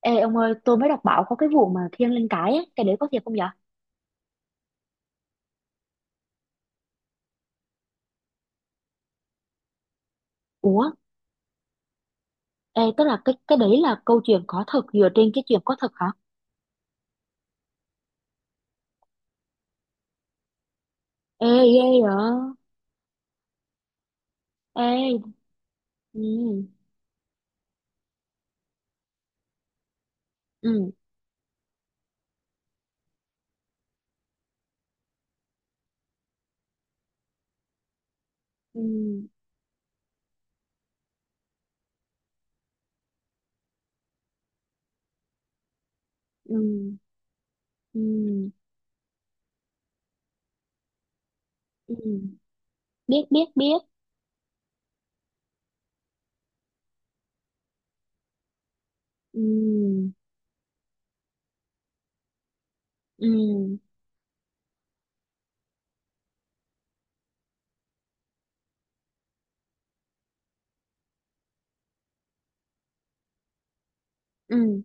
Ê ông ơi, tôi mới đọc báo có cái vụ mà thiêng lên cái ấy, cái đấy có thiệt không dạ? Ủa, ê, tức là cái đấy là câu chuyện có thật dựa trên cái chuyện có thật hả? Ê, ghê vậy? Ê, ừ, ừ, ừ, ừ, ừ, ừ, biết, biết, biết, ừ, ừ, ừ,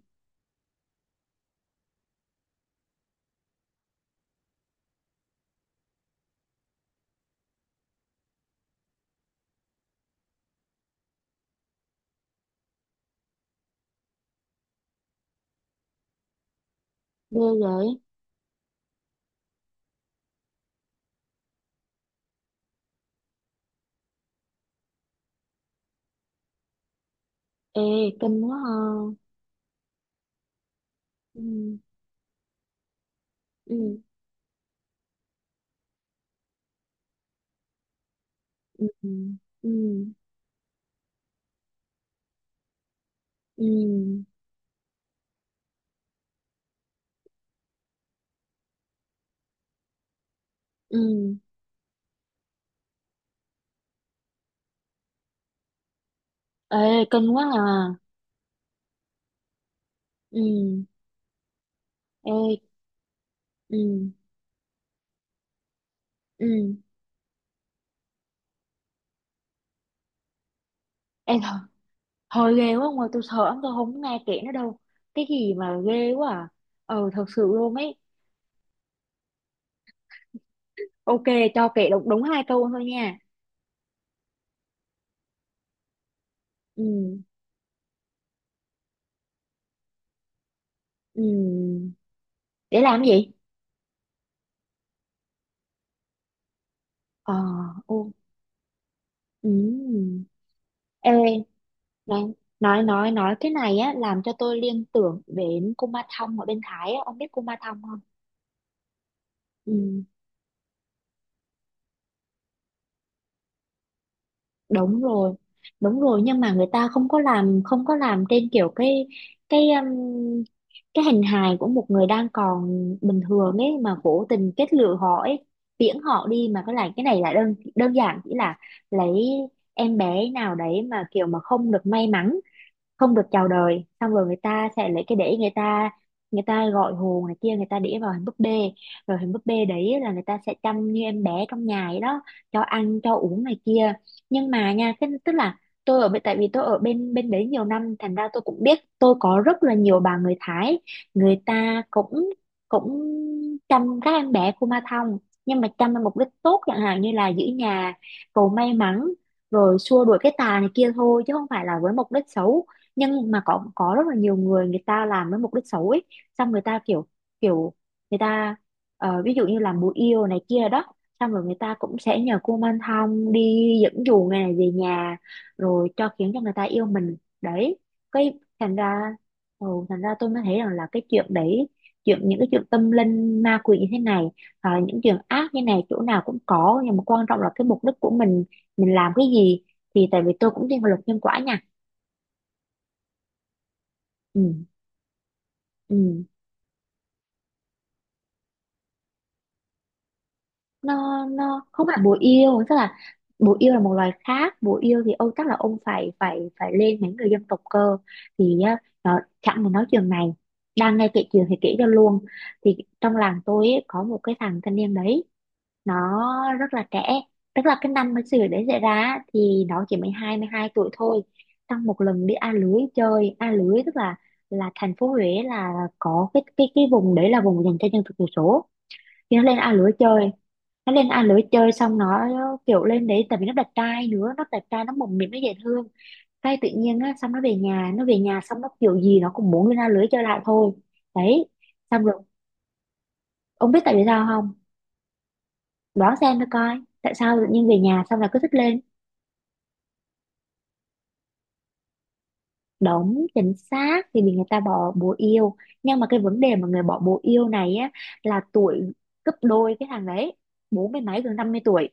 ghê vậy? Ê, kinh quá ha. Ừ, ừ, ừ, ừ, ừ, ừ, ê, kinh quá à. Ừ, ê, ừ, ừ. Ê, thôi ghê quá ông ơi, tôi sợ lắm, tôi không nghe kể nữa đâu. Cái gì mà ghê quá à. Ờ, thật sự luôn ấy. Ok, cho kể đúng, đúng 2 câu thôi nha. Ừ, ừ. Để làm cái gì? Ờ, ô, ừ. Ê, nói, nói cái này á, làm cho tôi liên tưởng đến cô Ma Thông ở bên Thái á. Ông biết cô Ma Thông không? Ừ. Đúng rồi, đúng rồi, nhưng mà người ta không có làm trên kiểu cái cái um, cái hình hài của một người đang còn bình thường ấy mà cố tình kết lựa họ ấy, tiễn họ đi. Mà cái này là đơn đơn giản chỉ là lấy em bé nào đấy mà kiểu mà không được may mắn, không được chào đời, xong rồi người ta sẽ lấy cái đĩa, người ta gọi hồn này kia, người ta đĩa vào hình búp bê. Rồi hình búp bê đấy là người ta sẽ chăm như em bé trong nhà ấy đó, cho ăn cho uống này kia. Nhưng mà nha cái, tức là tôi ở bên tại vì tôi ở bên bên đấy nhiều năm, thành ra tôi cũng biết, tôi có rất là nhiều bà người Thái. Người ta cũng cũng chăm các em bé Kuma Thong, nhưng mà chăm với mục đích tốt, chẳng hạn như là giữ nhà, cầu may mắn, rồi xua đuổi cái tà này kia thôi, chứ không phải là với mục đích xấu. Nhưng mà có rất là nhiều người, người ta làm với mục đích xấu ấy. Xong người ta kiểu, kiểu người ta ví dụ như làm bùa yêu này kia đó. Xong rồi người ta cũng sẽ nhờ cô Minh Thông đi dẫn dụ người này về nhà, rồi khiến cho người ta yêu mình đấy. Cái thành ra ừ, Thành ra, tôi mới thấy rằng là cái chuyện đấy, những cái chuyện tâm linh ma quỷ như thế này, những chuyện ác như này chỗ nào cũng có, nhưng mà quan trọng là cái mục đích của mình làm cái gì. Thì tại vì tôi cũng thiên về luật nhân quả nha. Ừ. Ừ. Nó không phải bồ yêu, tức là bồ yêu là một loài khác. Bồ yêu thì ông chắc là ông phải phải phải lên mấy người dân tộc cơ. Thì á, nó chẳng muốn nói chuyện này. Đang nghe kể chuyện thì kể cho luôn. Thì trong làng tôi ấy, có một cái thằng thanh niên đấy, nó rất là trẻ. Tức là cái năm mà sự việc đấy xảy ra á, thì nó chỉ mới 22 tuổi thôi. Trong một lần đi A lưới chơi, A lưới tức là thành phố Huế, là có cái vùng đấy là vùng dành cho dân tộc thiểu số. Thì nó lên A lưới chơi xong, nó kiểu lên đấy tại vì nó đẹp trai nữa, nó đẹp trai, nó mồm miệng nó dễ thương. Cái tự nhiên á, xong nó về nhà xong, nó kiểu gì nó cũng muốn lên A lưới chơi lại thôi. Đấy. Xong rồi, ông biết tại vì sao không? Đoán xem nó coi, tại sao tự nhiên về nhà xong là cứ thích lên? Đúng, chính xác, thì vì người ta bỏ bồ yêu. Nhưng mà cái vấn đề mà người bỏ bồ yêu này á, là tuổi gấp đôi cái thằng đấy, bốn mươi mấy, gần 50 tuổi.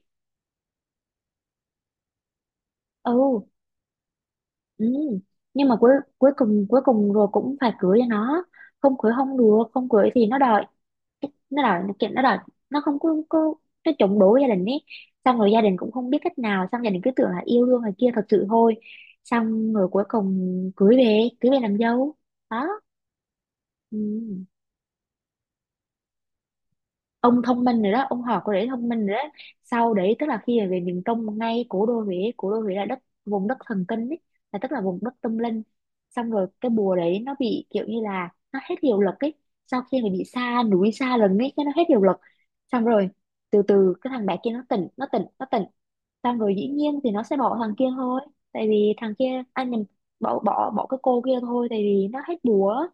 Ừ. Ừ. Nhưng mà cuối cuối cùng rồi cũng phải cưới cho nó, không cưới không được, không cưới thì nó đòi nó kiện, nó đòi. Nó không có, Có, nó chống đối gia đình ấy. Xong rồi gia đình cũng không biết cách nào, xong gia đình cứ tưởng là yêu đương này kia thật sự thôi. Xong rồi cuối cùng cưới về làm dâu. Đó. Ừ. Ông thông minh rồi đó, ông học có để thông minh rồi đó. Sau đấy tức là khi mà về miền Trung, ngay cố đô Huế là đất vùng đất thần kinh ấy, là tức là vùng đất tâm linh. Xong rồi cái bùa đấy nó bị kiểu như là nó hết hiệu lực ấy. Sau khi mà bị xa núi xa rừng ấy, cái nó hết hiệu lực. Xong rồi từ từ cái thằng bé kia nó tỉnh, nó tỉnh, nó tỉnh. Xong rồi dĩ nhiên thì nó sẽ bỏ thằng kia thôi, tại vì thằng kia anh nhầm, bỏ bỏ bỏ cái cô kia thôi, tại vì nó hết búa.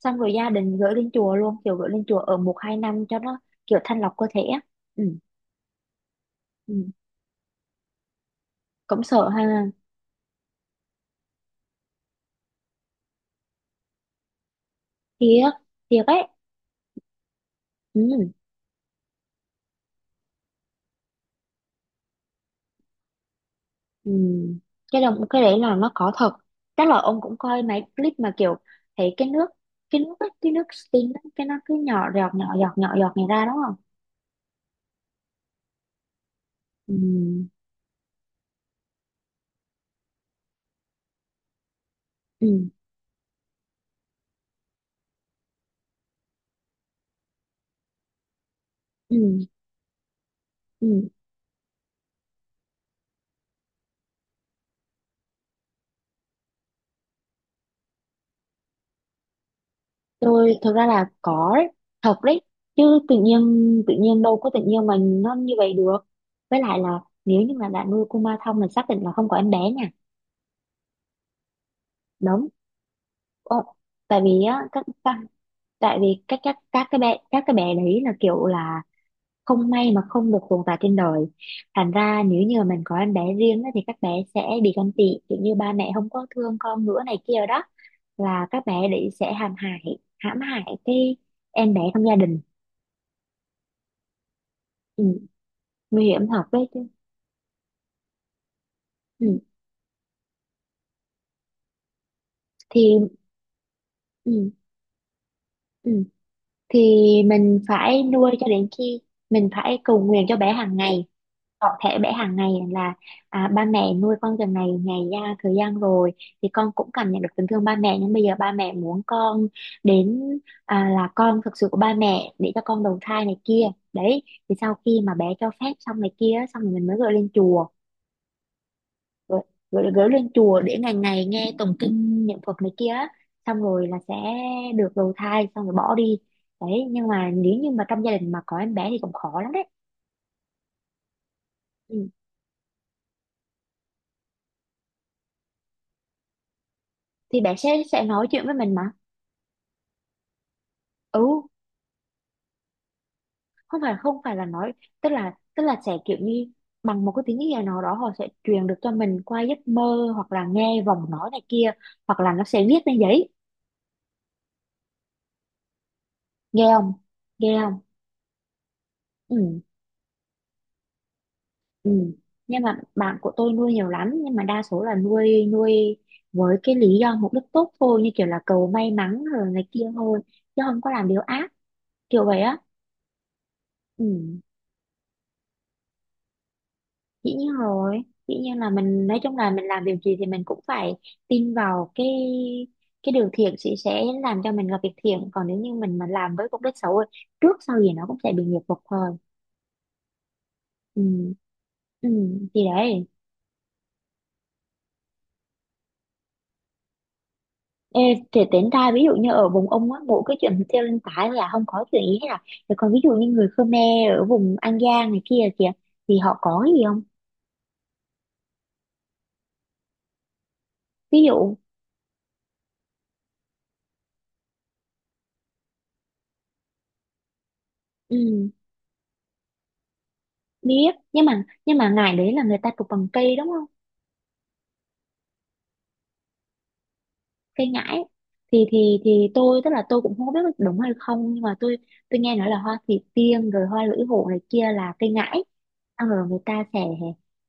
Xong rồi gia đình gửi lên chùa luôn, kiểu gửi lên chùa ở 1 2 năm cho nó kiểu thanh lọc cơ thể á. Ừ. Ừ. Cũng sợ ha. Thiệt thiệt ấy. Ừ. Ừ. Cái đấy là nó có thật. Chắc là ông cũng coi mấy clip mà kiểu thấy cái nước ấy, cái nước steam ấy, cái nó cứ nhỏ giọt, nhỏ giọt, nhỏ giọt này ra đúng không? Ừ. Ừ. Ừ. Ừ. Tôi thực ra là có đấy, thật đấy chứ. Tự nhiên tự nhiên đâu có tự nhiên mà nó như vậy được. Với lại là nếu như mà đã nuôi Kuma thông là xác định là không có em bé nha. Đúng. Ờ, tại vì á tại vì các cái bé, cái bé đấy là kiểu là không may mà không được tồn tại trên đời, thành ra nếu như mà mình có em bé riêng á, thì các bé sẽ bị ganh tị, kiểu như ba mẹ không có thương con nữa này kia đó. Là các bé đấy sẽ hãm hại, cái em bé trong gia đình. Ừ. Nguy hiểm thật đấy chứ. Ừ. Thì ừ. Ừ. Thì mình phải nuôi cho đến khi, mình phải cầu nguyện cho bé hàng ngày. Có thể bé hàng ngày là ba mẹ nuôi con từ ngày ngày ra thời gian rồi, thì con cũng cảm nhận được tình thương ba mẹ, nhưng bây giờ ba mẹ muốn con đến là con thực sự của ba mẹ, để cho con đầu thai này kia. Đấy. Thì sau khi mà bé cho phép xong này kia, xong rồi mình mới gửi lên chùa, gửi, gửi lên chùa để ngày ngày nghe tụng kinh niệm Phật này kia á. Xong rồi là sẽ được đầu thai, xong rồi bỏ đi. Đấy, nhưng mà nếu như mà trong gia đình mà có em bé thì cũng khó lắm đấy. Ừ. Thì bé sẽ nói chuyện với mình mà. Ừ. Không phải là nói, tức là sẽ kiểu như bằng một cái tiếng gì nào đó, họ sẽ truyền được cho mình qua giấc mơ, hoặc là nghe vòng nói này kia, hoặc là nó sẽ viết lên giấy. Nghe không, nghe không. Ừ. Ừ. Nhưng mà bạn của tôi nuôi nhiều lắm, nhưng mà đa số là nuôi, với cái lý do mục đích tốt thôi, như kiểu là cầu may mắn rồi này kia thôi, chứ không có làm điều ác kiểu vậy á. Ừ. Dĩ nhiên rồi. Dĩ nhiên là mình, nói chung là mình làm điều gì thì mình cũng phải tin vào cái, điều thiện sẽ, làm cho mình gặp việc thiện. Còn nếu như mình mà làm với mục đích xấu ấy, trước sau gì nó cũng sẽ bị nghiệp phục thôi. Ừ. Ừ. Thì đấy. Ê, thì tính ra ví dụ như ở vùng ông á mỗi cái chuyện treo lên tải là không có chuyện gì hết à, thì còn ví dụ như người Khmer ở vùng An Giang này kia kìa, thì họ có cái gì không? Ví dụ. Ừ, biết, nhưng mà ngải đấy là người ta chụp bằng cây đúng không? Cây ngải. Thì tôi, tức là tôi cũng không biết có đúng hay không, nhưng mà tôi nghe nói là hoa thủy tiên rồi hoa lưỡi hổ này kia là cây ngải ăn, rồi người ta sẽ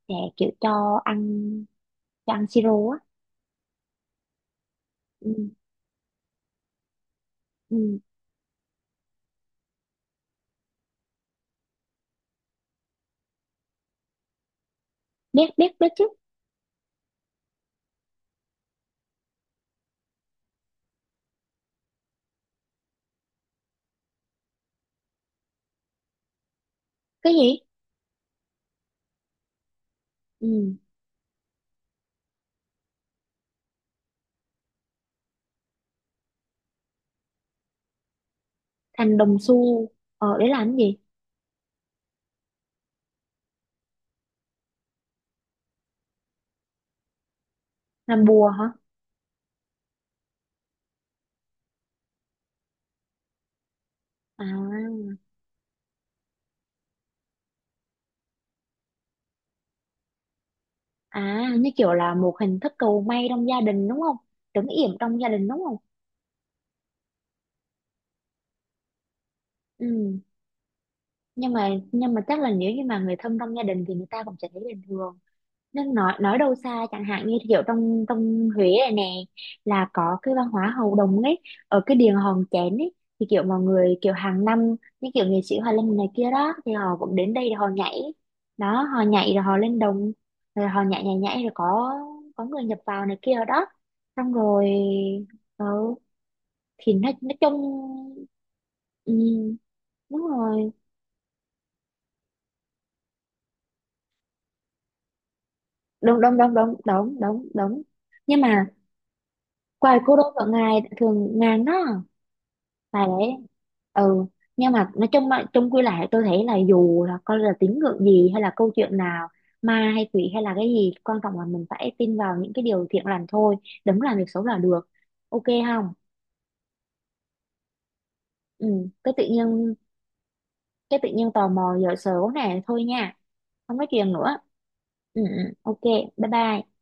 sẽ kiểu cho ăn, siro á. Ừ, ừ. Biết, biết, biết chứ. Cái gì? Ừ. Thành đồng xu. Để làm cái gì? Làm bùa hả? À, à, như kiểu là một hình thức cầu may trong gia đình đúng không? Trấn yểm trong gia đình đúng không? Ừ. Nhưng mà chắc là nếu như mà người thân trong gia đình thì người ta cũng sẽ thấy bình thường. Nên nói đâu xa, chẳng hạn như kiểu trong trong Huế này nè, là có cái văn hóa hầu đồng ấy, ở cái điện Hòn Chén ấy. Thì kiểu mọi người kiểu hàng năm, như kiểu nghệ sĩ Hoài Linh này kia đó, thì họ cũng đến đây để họ nhảy. Đó, họ nhảy rồi họ lên đồng, rồi họ nhảy, nhảy, nhảy, rồi có người nhập vào này kia đó. Xong rồi ừ, thì nói chung ừ, đúng rồi, đúng, đúng, đúng, đúng, đúng, đúng, đúng, nhưng mà quài cô đơn ở ngài thường ngàn đó. Và đấy. Ừ. Nhưng mà nói chung mà chung quy lại, tôi thấy là dù là coi là tín ngưỡng gì hay là câu chuyện nào, ma hay quỷ hay là cái gì, quan trọng là mình phải tin vào những cái điều thiện lành thôi, đừng làm việc xấu là được, ok không? Ừ, cái tự nhiên tò mò giờ sớm nè thôi nha. Không nói chuyện nữa. Ừ, ừ, ok. Bye bye.